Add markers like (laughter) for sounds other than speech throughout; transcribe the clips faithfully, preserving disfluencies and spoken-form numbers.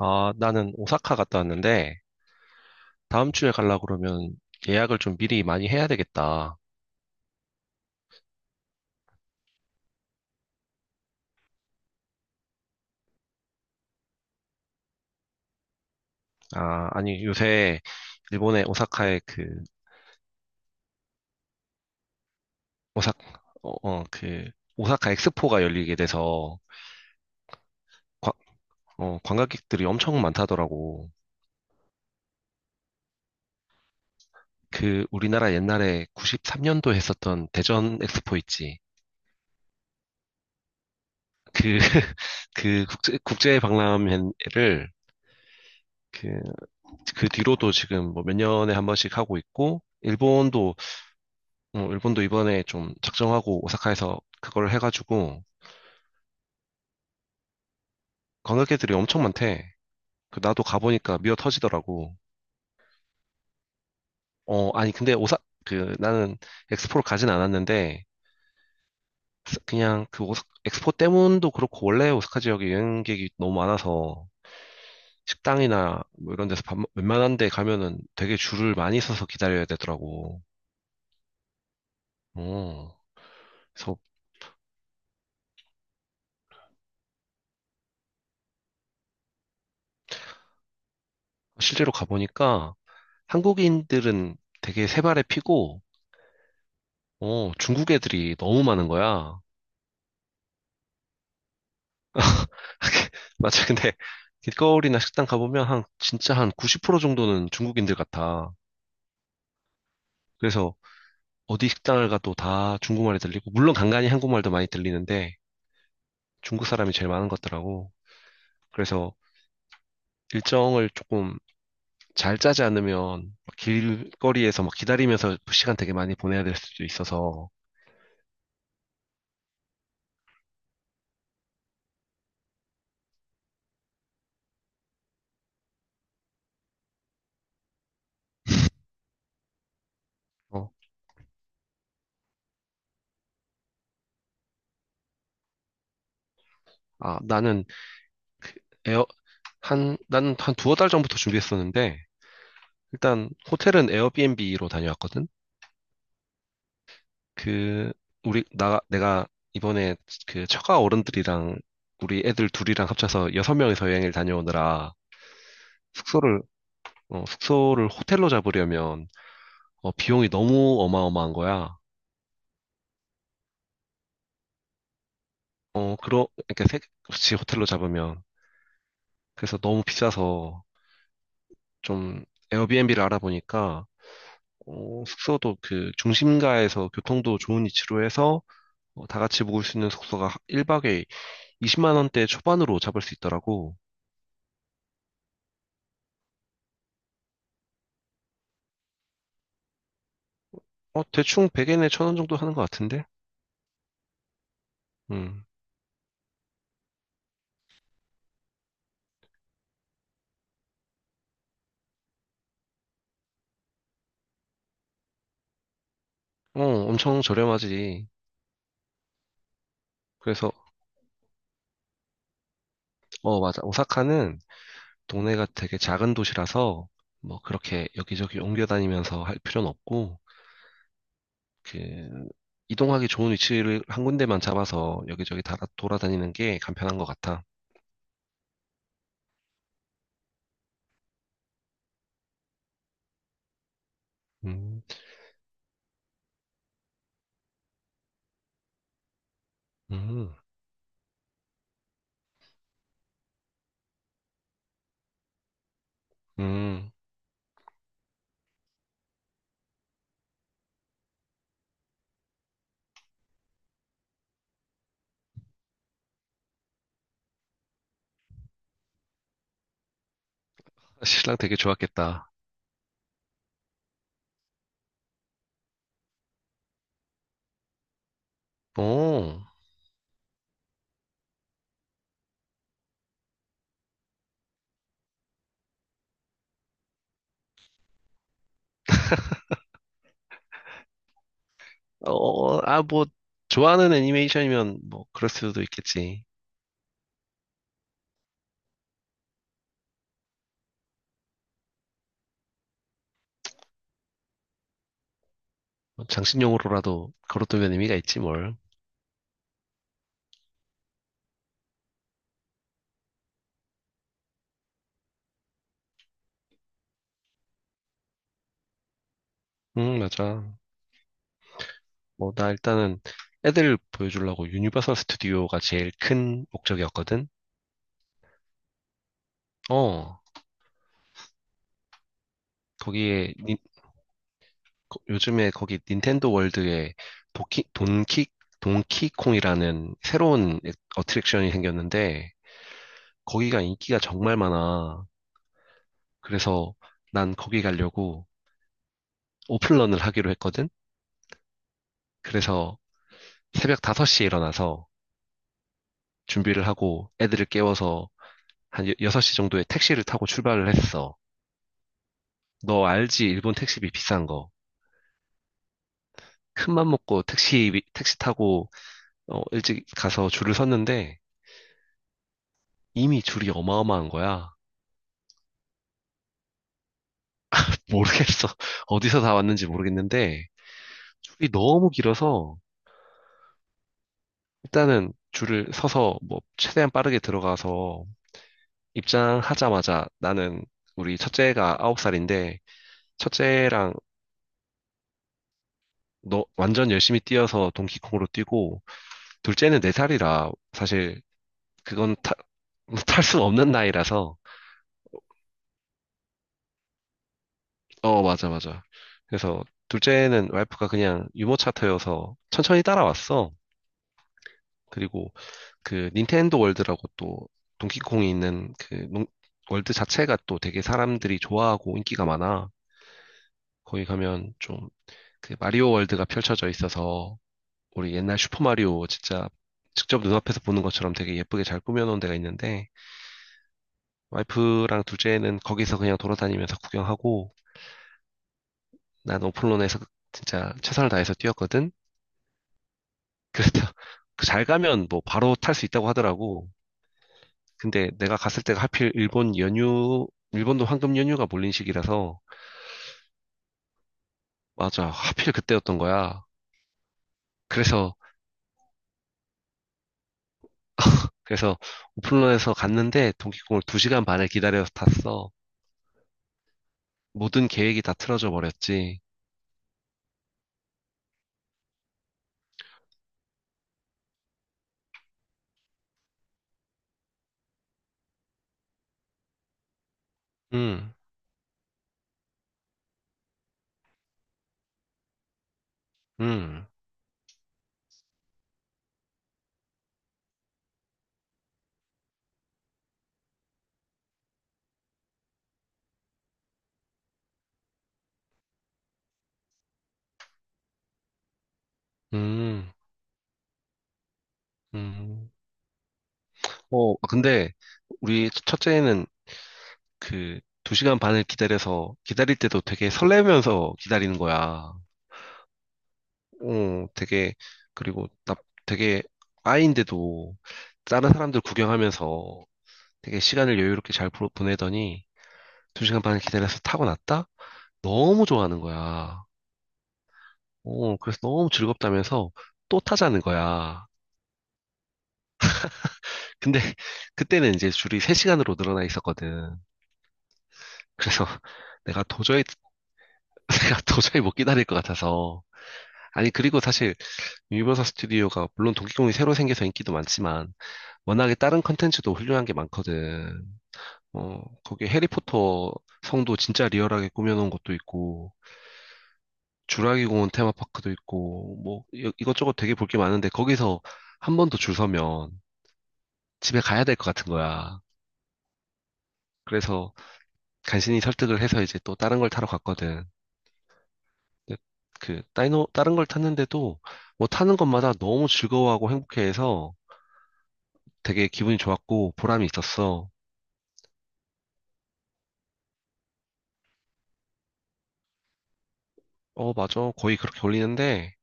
아, 나는 오사카 갔다 왔는데, 다음 주에 가려고 그러면 예약을 좀 미리 많이 해야 되겠다. 아, 아니, 요새 일본의 오사카에 그, 오사, 어, 어, 그, 오사카 엑스포가 열리게 돼서, 관, 어, 관광객들이 엄청 많다더라고. 그, 우리나라 옛날에 구십삼 년도 했었던 대전 엑스포 있지. 그, (laughs) 그 국제, 국제 박람회를 그, 그 뒤로도 지금 뭐 몇 년에 한 번씩 하고 있고, 일본도 어, 일본도 이번에 좀 작정하고 오사카에서 그걸 해가지고 관광객들이 엄청 많대. 그 나도 가보니까 미어 터지더라고. 어, 아니 근데 오사 그 나는 엑스포를 가진 않았는데 스- 그냥 그 오사, 엑스포 때문도 그렇고 원래 오사카 지역에 여행객이 너무 많아서 식당이나 뭐 이런 데서 밥, 먹- 웬만한 데 가면은 되게 줄을 많이 서서 기다려야 되더라고. 어, 그래서 실제로 가보니까 한국인들은 되게 세 발에 피고 어, 중국 애들이 너무 많은 거야. (laughs) 맞아. 근데 길거리나 식당 가보면 한 진짜 한 구십 프로 정도는 중국인들 같아. 그래서 어디 식당을 가도 다 중국말이 들리고 물론 간간히 한국말도 많이 들리는데 중국 사람이 제일 많은 것 같더라고. 그래서 일정을 조금 잘 짜지 않으면 막 길거리에서 막 기다리면서 시간 되게 많이 보내야 될 수도 있어서 어, 아, 나는 에어 한 나는 한 두어 달 전부터 준비했었는데 일단 호텔은 에어비앤비로 다녀왔거든. 그 우리 나 내가 이번에 그 처가 어른들이랑 우리 애들 둘이랑 합쳐서 여섯 명이서 여행을 다녀오느라 숙소를 어, 숙소를 호텔로 잡으려면 어, 비용이 너무 어마어마한 거야. 어 그러 이렇게 세, 그렇지. 호텔로 잡으면 그래서 너무 비싸서 좀 에어비앤비를 알아보니까 어, 숙소도 그 중심가에서 교통도 좋은 위치로 해서 어, 다 같이 묵을 수 있는 숙소가 일 박에 이십만 원대 초반으로 잡을 수 있더라고. 어, 대충 백 엔에 천 원 정도 하는 것 같은데? 음. 어, 엄청 저렴하지. 그래서, 어, 맞아. 오사카는 동네가 되게 작은 도시라서, 뭐, 그렇게 여기저기 옮겨 다니면서 할 필요는 없고, 그, 이동하기 좋은 위치를 한 군데만 잡아서 여기저기 다 돌아다니는 게 간편한 것 같아. 음, 음, 음. 신랑 되게 좋았겠다. 어, 어, 아, 뭐, 좋아하는 애니메이션이면 뭐, 그럴 수도 있겠지. 장신용으로라도 걸어두면 의미가 있지, 뭘. 응, 맞아. 뭐, 나 일단은 애들 보여주려고 유니버설 스튜디오가 제일 큰 목적이었거든? 어, 거기에, 닌- 거- 요즘에 거기 닌텐도 월드에 도키, 돈키, 돈키콩이라는 새로운 애- 어트랙션이 생겼는데, 거기가 인기가 정말 많아. 그래서 난 거기 가려고 오픈런을 하기로 했거든? 그래서 새벽 다섯 시에 일어나서 준비를 하고 애들을 깨워서 한 여섯 시 정도에 택시를 타고 출발을 했어. 너 알지? 일본 택시비 비싼 거. 큰 맘 먹고 택시, 택시 타고, 어, 일찍 가서 줄을 섰는데, 이미 줄이 어마어마한 거야. (laughs) 모르겠어. 어디서 다 왔는지 모르겠는데, 줄이 너무 길어서, 일단은 줄을 서서, 뭐, 최대한 빠르게 들어가서, 입장하자마자 나는, 우리 첫째가 아홉 살인데, 첫째랑 너 완전 열심히 뛰어서 동키콩으로 뛰고, 둘째는 네 살이라, 사실, 그건 타, (laughs) 탈 수 없는 나이라서, 어, 맞아, 맞아. 그래서 둘째는 와이프가 그냥 유머 차터여서 천천히 따라왔어. 그리고 그 닌텐도 월드라고 또 동키콩이 있는 그 농- 월드 자체가 또 되게 사람들이 좋아하고 인기가 많아. 거기 가면 좀 그 마리오 월드가 펼쳐져 있어서 우리 옛날 슈퍼마리오 진짜 직접 눈앞에서 보는 것처럼 되게 예쁘게 잘 꾸며놓은 데가 있는데 와이프랑 둘째는 거기서 그냥 돌아다니면서 구경하고 난 오픈런에서 진짜 최선을 다해서 뛰었거든. 그래서 (laughs) 잘 가면 뭐 바로 탈 수 있다고 하더라고. 근데 내가 갔을 때가 하필 일본 연휴, 일본도 황금 연휴가 몰린 시기라서 맞아. 하필 그때였던 거야. 그래서 그래서 오픈런에서 갔는데 동기콩을 두 시간 반을 기다려서 탔어. 모든 계획이 다 틀어져 버렸지. 음. 음. 음. 음. 어, 근데 우리 첫째는 그 두 시간 반을 기다려서 기다릴 때도 되게 설레면서 기다리는 거야. 어, 되게, 그리고 나 되게 아이인데도 다른 사람들 구경하면서 되게 시간을 여유롭게 잘 보- 보내더니 두 시간 반을 기다려서 타고 났다? 너무 좋아하는 거야. 어, 그래서 너무 즐겁다면서 또 타자는 거야. 근데 (laughs) 그때는 이제 줄이 세 시간으로 늘어나 있었거든. 그래서 (laughs) 내가 도저히, (laughs) 내가 도저히 못 기다릴 것 같아서. 아니, 그리고 사실 유니버설 스튜디오가 물론 동기공이 새로 생겨서 인기도 많지만 워낙에 다른 컨텐츠도 훌륭한 게 많거든. 어, 거기 해리포터 성도 진짜 리얼하게 꾸며놓은 것도 있고, 주라기 공원 테마파크도 있고, 뭐, 이- 이것저것 되게 볼 게 많은데, 거기서 한 번 더 줄 서면 집에 가야 될 것 같은 거야. 그래서 간신히 설득을 해서 이제 또 다른 걸 타러 갔거든. 근데 그, 다이노, 다른 걸 탔는데도 뭐 타는 것마다 너무 즐거워하고 행복해해서 되게 기분이 좋았고 보람이 있었어. 어, 맞아. 거의 그렇게 올리는데,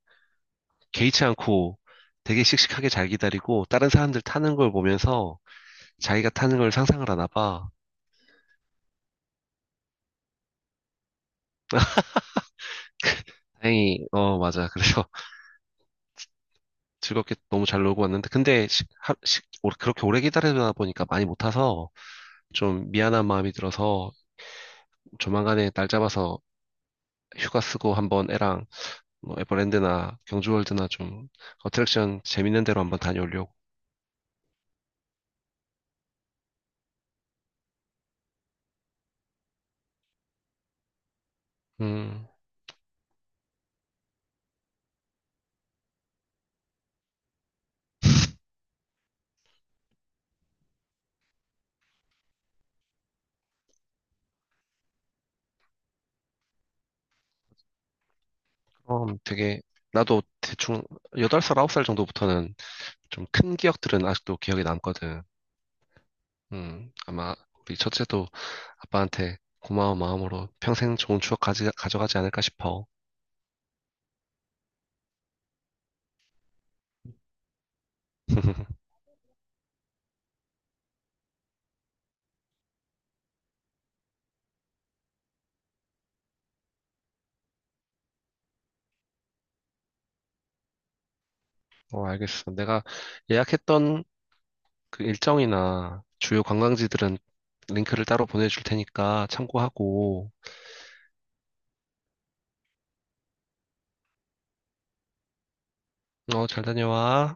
개의치 않고 되게 씩씩하게 잘 기다리고, 다른 사람들 타는 걸 보면서 자기가 타는 걸 상상을 하나 봐. 다행히, 어, 맞아. 그래서 (laughs) 즐겁게 너무 잘 놀고 왔는데, 근데, 시, 하, 시, 오- 그렇게 오래 기다리다 보니까 많이 못 타서 좀 미안한 마음이 들어서 조만간에 날 잡아서 휴가 쓰고 한번 애랑 뭐 에버랜드나 경주월드나 좀 어트랙션 재밌는 데로 한번 다녀오려고. 음, 그럼 되게, 나도 대충 여덟 살, 아홉 살 정도부터는 좀 큰 기억들은 아직도 기억에 남거든. 음, 아마 우리 첫째도 아빠한테 고마운 마음으로 평생 좋은 추억 가지, 가져가지 않을까 싶어. (laughs) 어, 알겠어. 내가 예약했던 그 일정이나 주요 관광지들은 링크를 따로 보내줄 테니까 참고하고, 어, 잘 다녀와.